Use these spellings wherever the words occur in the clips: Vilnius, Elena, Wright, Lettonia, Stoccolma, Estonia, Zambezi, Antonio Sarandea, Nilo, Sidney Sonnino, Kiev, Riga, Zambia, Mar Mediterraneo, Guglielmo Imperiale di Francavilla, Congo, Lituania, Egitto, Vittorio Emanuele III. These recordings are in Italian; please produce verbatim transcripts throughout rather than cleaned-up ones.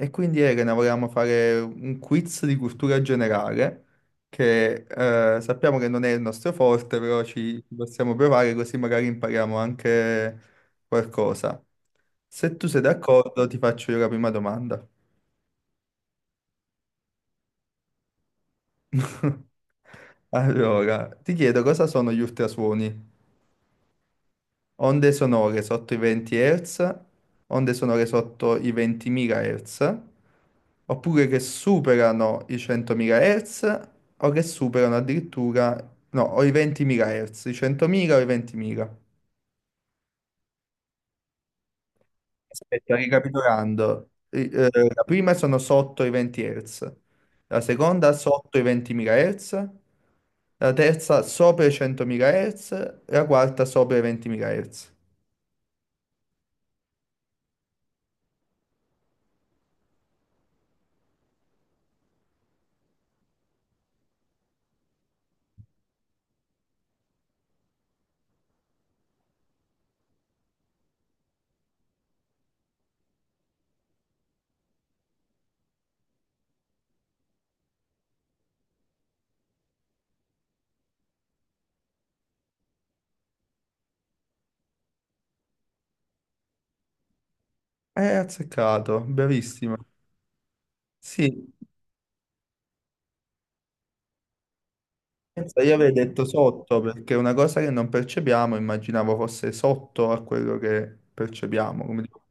E quindi Elena volevamo fare un quiz di cultura generale, che eh, sappiamo che non è il nostro forte, però ci ci possiamo provare così magari impariamo anche qualcosa. Se tu sei d'accordo, ti faccio io la prima domanda. Allora, ti chiedo cosa sono gli ultrasuoni? Onde sonore sotto i venti Hz, onde sonore sotto i ventimila Hz, oppure che superano i centomila Hz o che superano addirittura, no, o i ventimila Hz, i centomila o i ventimila. Aspetta, ricapitolando, i- eh, la prima sono sotto i venti Hz, la seconda sotto i ventimila Hz, la terza sopra i centomila Hz, la quarta sopra i ventimila Hz. Eh, azzeccato, bravissimo. Sì, pensa, io avrei detto sotto perché è una cosa che non percepiamo, immaginavo fosse sotto a quello che percepiamo. Come dico.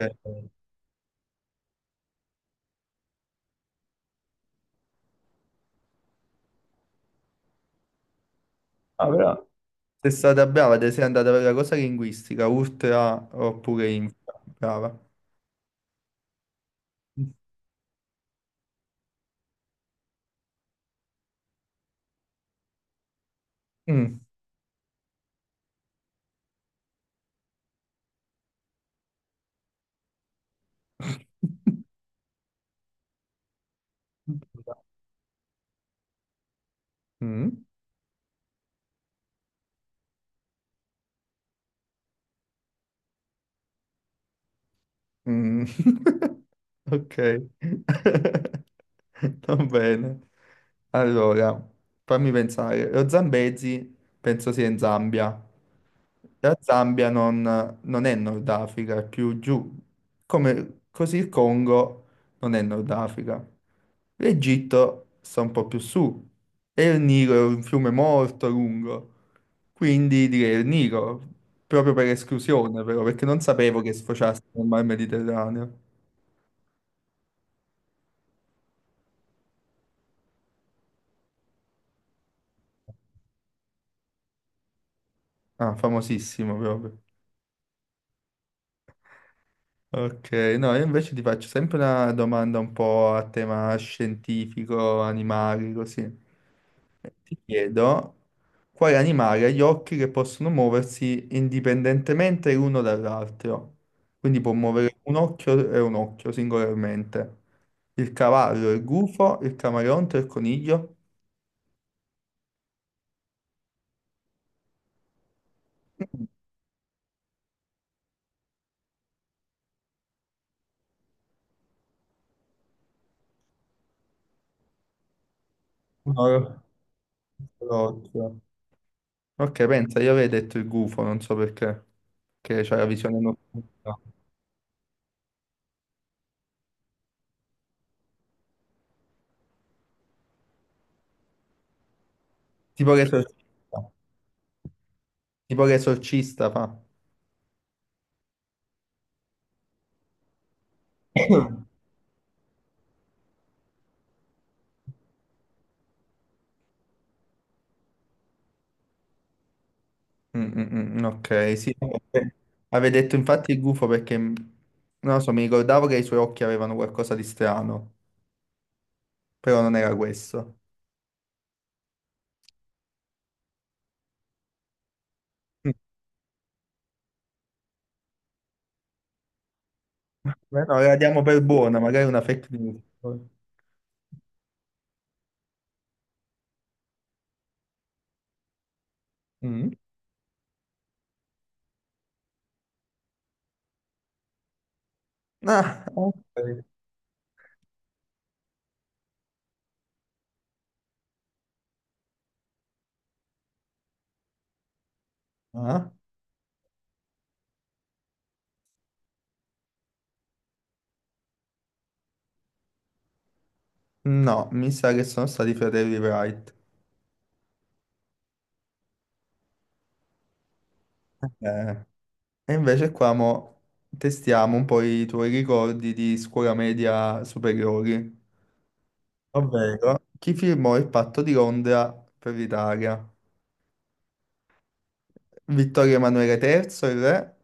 Eh, ah, però sei stata brava, te sei andata per la cosa linguistica, ultra oppure infra. Brava. Mm, mm, mm. Ok. Va bene. Allora, fammi pensare. Lo Zambezi penso sia in Zambia. La Zambia non, non è Nord Africa, è più giù. Come, così il Congo non è Nord Africa. L'Egitto sta un po' più su. E il Nilo è un fiume molto lungo. Quindi direi il Nilo, proprio per esclusione, però, perché non sapevo che sfociasse nel Mar Mediterraneo. Ah, famosissimo proprio. Ok, no, io invece ti faccio sempre una domanda un po' a tema scientifico, animali, così. Eh, Ti chiedo quale animale ha gli occhi che possono muoversi indipendentemente l'uno dall'altro. Quindi può muovere un occhio e un occhio singolarmente. Il cavallo, il gufo, il camaleonte, il coniglio. Mm, un oro- un solo occhio. Ok, pensa, io avevo detto il gufo, non so perché, che c'ha la visione notturna. Tipo che esorcista, tipo che esorcista fa. Mm, mm, mm, mm, ok, sì. Vabbè. Avevo detto infatti il gufo perché, mm, non lo so, mi ricordavo che i suoi occhi avevano qualcosa di strano, però non era questo. Mm. Beh, no, la diamo per buona, magari è una fake news. Mm. Ah, ok. Ah. No, mi sa che sono stati i fratelli Wright. Eh. E invece qua mo testiamo un po' i tuoi ricordi di scuola media superiori, ovvero chi firmò il patto di Londra per l'Italia? Vittorio Emanuele terzo, il re,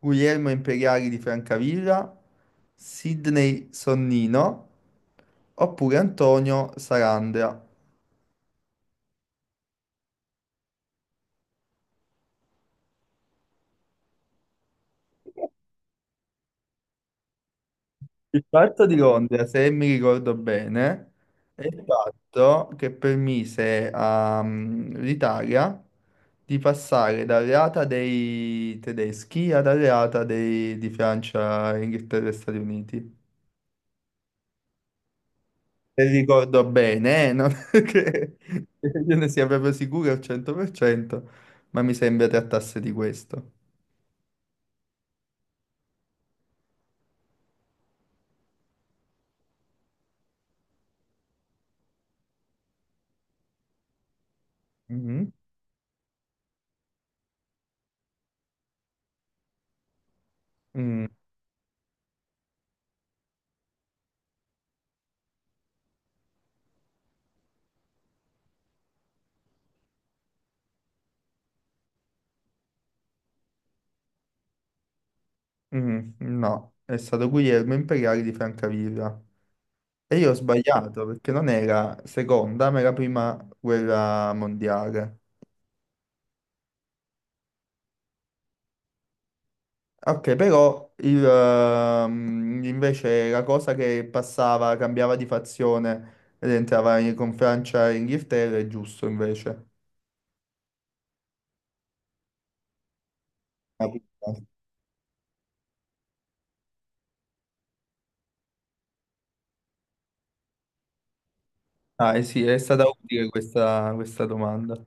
Guglielmo Imperiali di Francavilla, Sidney Sonnino oppure Antonio Sarandea? Il patto di Londra, se mi ricordo bene, è il patto che permise all'Italia di passare dall'alleata dei tedeschi ad alleata dei, di Francia, Inghilterra e Stati Uniti. Se ricordo bene, eh, non che io ne sia proprio sicuro al cento per cento, ma mi sembra trattasse di questo. Mhm. Mm, mm, no, è stato Guglielmo Imperiale di Francavilla. E io ho sbagliato perché non era seconda, ma era prima guerra mondiale. Ok, però il, ehm, invece la cosa che passava, cambiava di fazione ed entrava in- con Francia e Inghilterra è giusto invece. Ah, ah, eh sì, è stata utile questa, questa, domanda.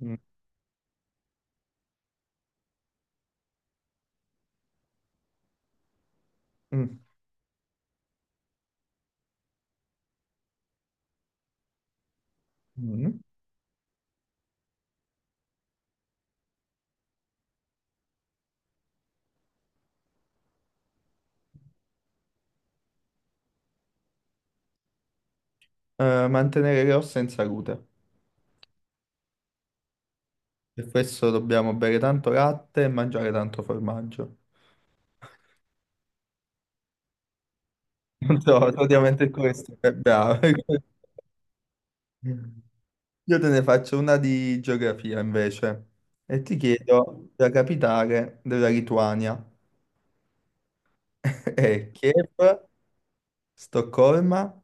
Mm, mm, mm. Eh, mantenere le ossa in salute. Per questo dobbiamo bere tanto latte e mangiare tanto formaggio. Non so, praticamente questo è bravo. Io te ne faccio una di geografia invece e ti chiedo la capitale della Lituania. È Kiev, Stoccolma,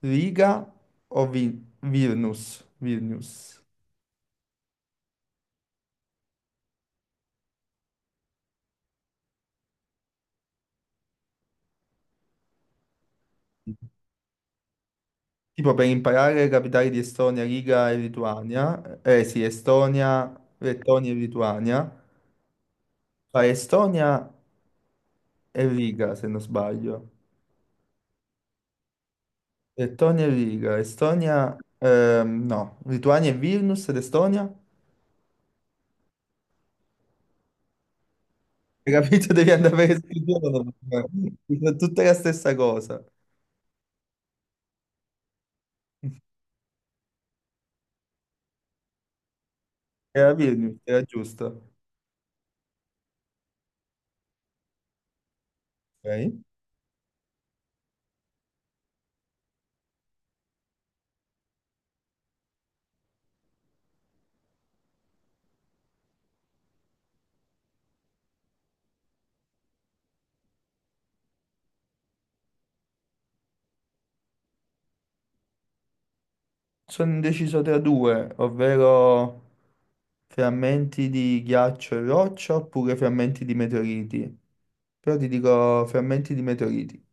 Riga o Vi- Vilnius? Vilnius. Tipo per imparare le capitali di Estonia, Riga e Lituania, eh sì, Estonia, Lettonia e Lituania, fai Estonia e Riga se non sbaglio. Lettonia e Riga, Estonia, ehm, no, Lituania e Vilnius ed Estonia. Hai capito? Devi andare per il giorno. Sono tutte la stessa cosa. Era Vilnius, era giusto. Ok. Sono indeciso tra due, ovvero frammenti di ghiaccio e roccia oppure frammenti di meteoriti. Però ti dico frammenti di meteoriti.